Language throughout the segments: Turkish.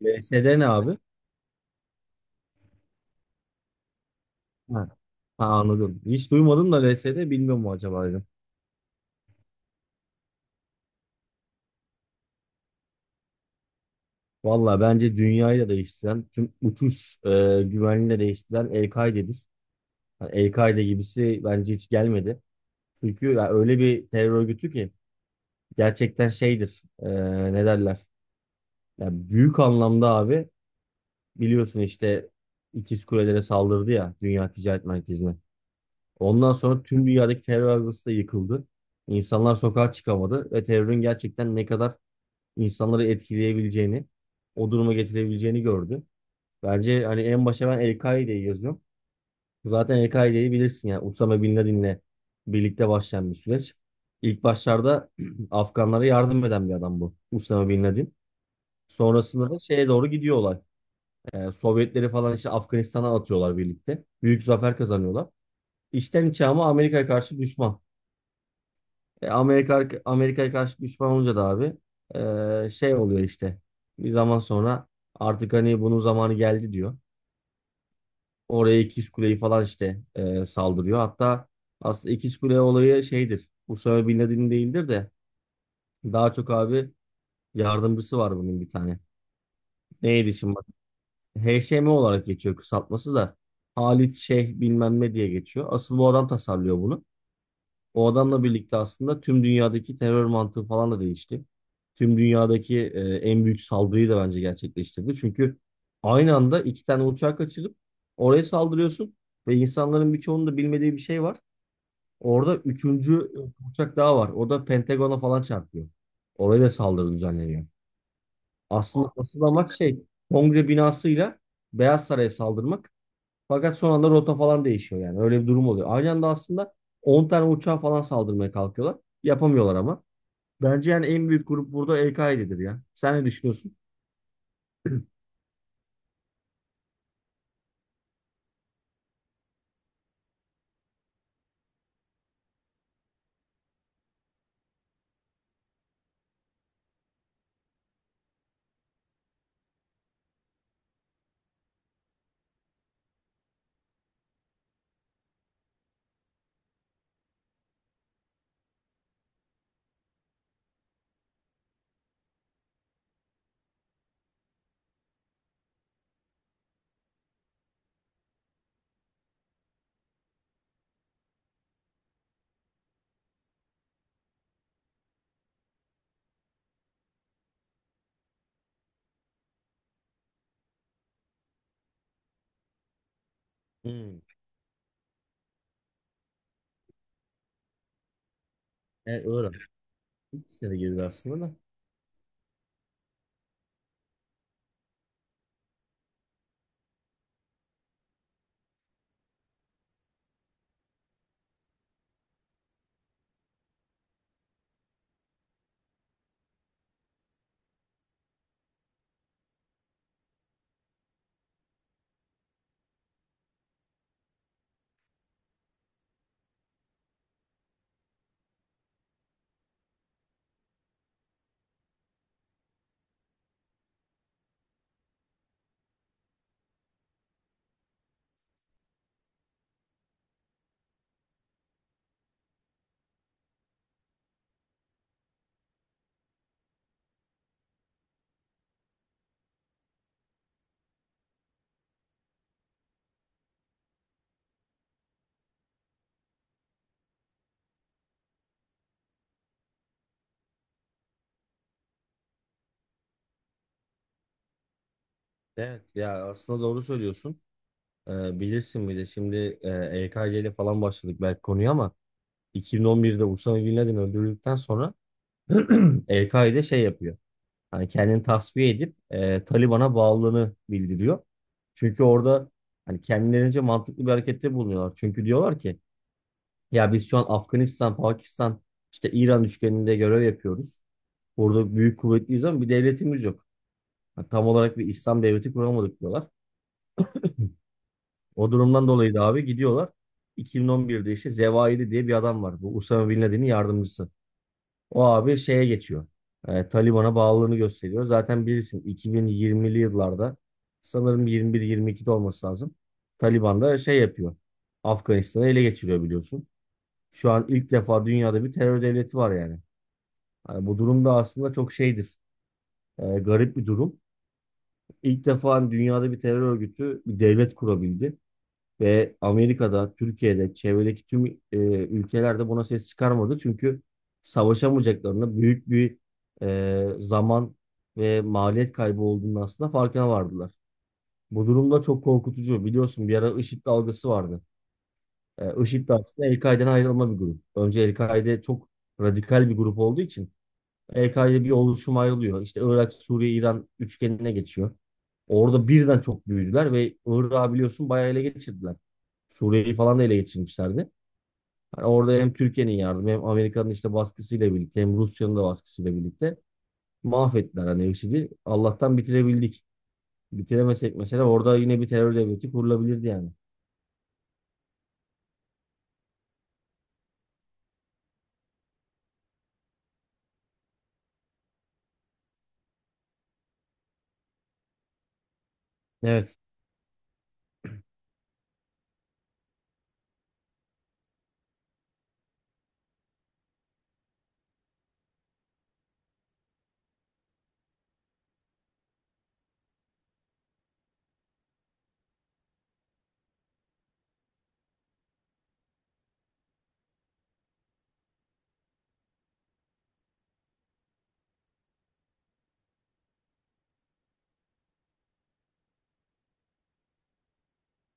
LSD ne abi? Ha, ha, anladım. Hiç duymadım da LSD bilmiyorum mu acaba dedim. Valla bence dünyayı da değiştiren, tüm uçuş güvenliğini de değiştiren El-Kaide'dir. Yani El-Kaide gibisi bence hiç gelmedi. Çünkü ya öyle bir terör örgütü ki gerçekten şeydir. Ne derler? Ya büyük anlamda abi biliyorsun işte İkiz Kulelere saldırdı ya Dünya Ticaret Merkezi'ne. Ondan sonra tüm dünyadaki terör örgütü de yıkıldı. İnsanlar sokağa çıkamadı ve terörün gerçekten ne kadar insanları etkileyebileceğini, o duruma getirebileceğini gördü. Bence hani en başa ben El-Kaide'yi yazıyorum. Zaten El-Kaide'yi bilirsin yani Usame Bin Laden'le birlikte başlayan bir süreç. İlk başlarda Afganlara yardım eden bir adam bu Usame Bin Laden. Sonrasında da şeye doğru gidiyorlar. Sovyetleri falan işte Afganistan'a atıyorlar birlikte. Büyük zafer kazanıyorlar. İçten içe ama Amerika'ya karşı düşman. Amerika Amerika'ya karşı düşman olunca da abi şey oluyor işte. Bir zaman sonra artık hani bunun zamanı geldi diyor. Oraya İkiz Kule'yi falan işte saldırıyor. Hatta aslında İkiz Kule olayı şeydir. Usame Bin Laden değildir de daha çok abi yardımcısı var bunun bir tane. Neydi şimdi bak? HŞM olarak geçiyor kısaltması da. Halit Şeyh bilmem ne diye geçiyor. Asıl bu adam tasarlıyor bunu. O adamla birlikte aslında tüm dünyadaki terör mantığı falan da değişti. Tüm dünyadaki en büyük saldırıyı da bence gerçekleştirdi. Çünkü aynı anda iki tane uçağı kaçırıp oraya saldırıyorsun ve insanların birçoğunun da bilmediği bir şey var. Orada üçüncü uçak daha var. O da Pentagon'a falan çarpıyor. Oraya da saldırı düzenleniyor. Aslında asıl amaç şey, Kongre binasıyla Beyaz Saray'a saldırmak. Fakat son anda rota falan değişiyor yani. Öyle bir durum oluyor. Aynı anda aslında 10 tane uçağa falan saldırmaya kalkıyorlar. Yapamıyorlar ama. Bence yani en büyük grup burada El-Kaide'dir ya. Sen ne düşünüyorsun? Hmm. Evet, öyle. İkisine de girdi aslında da. Evet ya aslında doğru söylüyorsun. Bilirsin bir de şimdi e, EKG ile falan başladık belki konuya ama 2011'de Usama Bin Laden öldürüldükten sonra EKG de şey yapıyor. Hani kendini tasfiye edip Taliban'a bağlılığını bildiriyor. Çünkü orada hani kendilerince mantıklı bir harekette bulunuyorlar. Çünkü diyorlar ki ya biz şu an Afganistan, Pakistan, işte İran üçgeninde görev yapıyoruz. Burada büyük kuvvetliyiz ama bir devletimiz yok. Yani tam olarak bir İslam devleti kuramadık diyorlar. O durumdan dolayı da abi gidiyorlar. 2011'de işte Zevairi diye bir adam var. Bu Usama Bin Laden'in yardımcısı. O abi şeye geçiyor. Taliban'a bağlılığını gösteriyor. Zaten bilirsin 2020'li yıllarda sanırım 21-22'de olması lazım. Taliban da şey yapıyor. Afganistan'ı ele geçiriyor biliyorsun. Şu an ilk defa dünyada bir terör devleti var yani. Hani bu durum da aslında çok şeydir. Garip bir durum. İlk defa dünyada bir terör örgütü bir devlet kurabildi. Ve Amerika'da, Türkiye'de, çevredeki tüm ülkelerde buna ses çıkarmadı. Çünkü savaşamayacaklarını büyük bir zaman ve maliyet kaybı olduğunu aslında farkına vardılar. Bu durumda çok korkutucu. Biliyorsun bir ara IŞİD dalgası vardı. IŞİD de aslında El-Kaide'den ayrılma bir grup. Önce El-Kaide çok radikal bir grup olduğu için EK'de bir oluşum ayrılıyor. İşte Irak, Suriye, İran üçgenine geçiyor. Orada birden çok büyüdüler ve Irak'ı biliyorsun bayağı ele geçirdiler. Suriye'yi falan da ele geçirmişlerdi. Hani orada hem Türkiye'nin yardımı hem Amerika'nın işte baskısıyla birlikte hem Rusya'nın da baskısıyla birlikte mahvettiler hani IŞİD'i. Allah'tan bitirebildik. Bitiremesek mesela orada yine bir terör devleti kurulabilirdi yani. Evet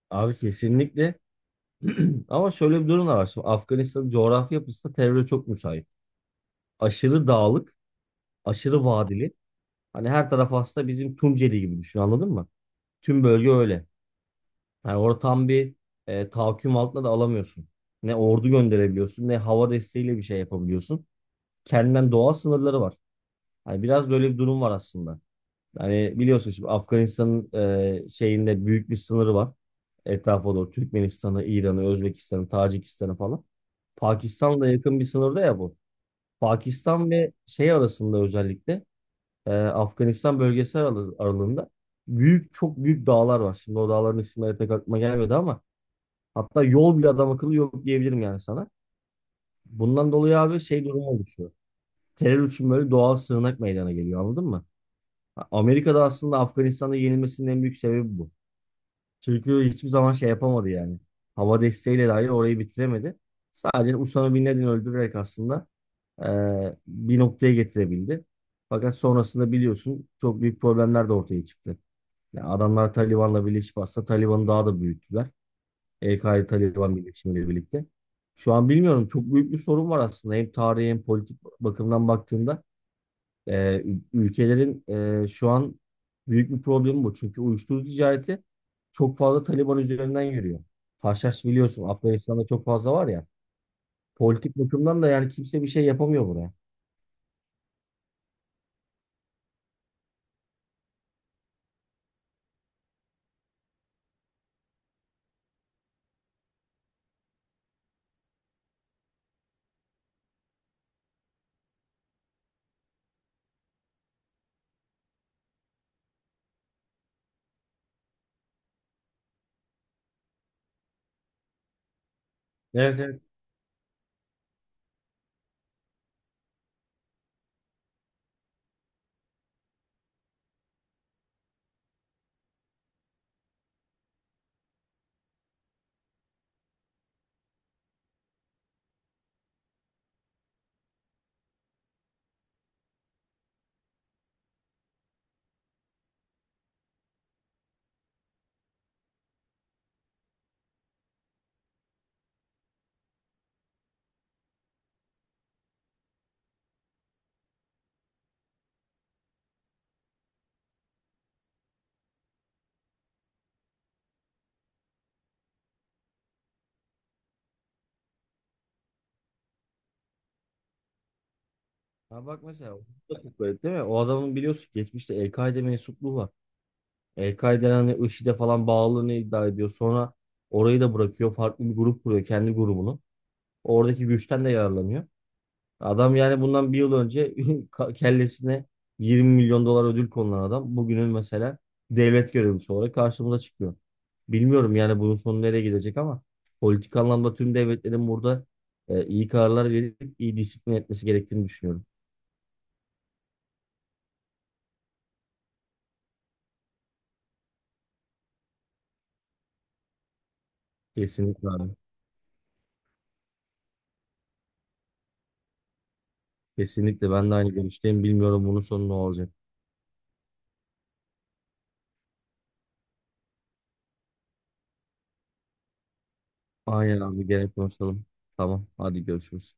abi kesinlikle. Ama şöyle bir durum da var. Şimdi Afganistan'ın coğrafi yapısı da teröre çok müsait. Aşırı dağlık, aşırı vadili. Hani her taraf aslında bizim Tunceli gibi düşün anladın mı? Tüm bölge öyle. Yani orada tam bir tahakküm altına da alamıyorsun. Ne ordu gönderebiliyorsun ne hava desteğiyle bir şey yapabiliyorsun. Kendinden doğal sınırları var. Hani biraz böyle bir durum var aslında. Hani biliyorsun şimdi Afganistan'ın şeyinde büyük bir sınırı var. Etrafa doğru Türkmenistan'ı, İran'ı, Özbekistan'ı, Tacikistan'ı falan. Pakistan'la yakın bir sınırda ya bu. Pakistan ve şey arasında özellikle Afganistan bölgesi aralığında büyük çok büyük dağlar var. Şimdi o dağların isimleri pek aklıma gelmedi ama hatta yol bile adam akıllı yok diyebilirim yani sana. Bundan dolayı abi şey durumu oluşuyor. Terör için böyle doğal sığınak meydana geliyor anladın mı? Amerika'da aslında Afganistan'da yenilmesinin en büyük sebebi bu. Çünkü hiçbir zaman şey yapamadı yani. Hava desteğiyle dahi orayı bitiremedi. Sadece Usama Bin Laden'i öldürerek aslında e, bir noktaya getirebildi. Fakat sonrasında biliyorsun çok büyük problemler de ortaya çıktı. Yani adamlar Taliban'la birleşip aslında Taliban'ı daha da büyüttüler. EKD Taliban birleşimiyle birlikte. Şu an bilmiyorum çok büyük bir sorun var aslında. Hem tarihi hem politik bakımdan baktığında e, ülkelerin şu an büyük bir problemi bu. Çünkü uyuşturucu ticareti çok fazla Taliban üzerinden yürüyor. Haşhaş biliyorsun Afganistan'da çok fazla var ya. Politik bakımdan da yani kimse bir şey yapamıyor buraya. Evet, evet. Ha bak mesela o da çok garip değil mi? O adamın biliyorsun geçmişte El-Kaide mensupluğu var. El-Kaide'nin hani IŞİD'e falan bağlılığını iddia ediyor. Sonra orayı da bırakıyor. Farklı bir grup kuruyor. Kendi grubunu. Oradaki güçten de yararlanıyor. Adam yani bundan bir yıl önce kellesine 20 milyon dolar ödül konulan adam. Bugünün mesela devlet görevlisi olarak karşımıza çıkıyor. Bilmiyorum yani bunun sonu nereye gidecek ama politik anlamda tüm devletlerin burada iyi kararlar verip iyi disiplin etmesi gerektiğini düşünüyorum. Kesinlikle abi. Kesinlikle ben de aynı görüşteyim. Bilmiyorum bunun sonu ne olacak. Aynen abi gene konuşalım. Tamam hadi görüşürüz.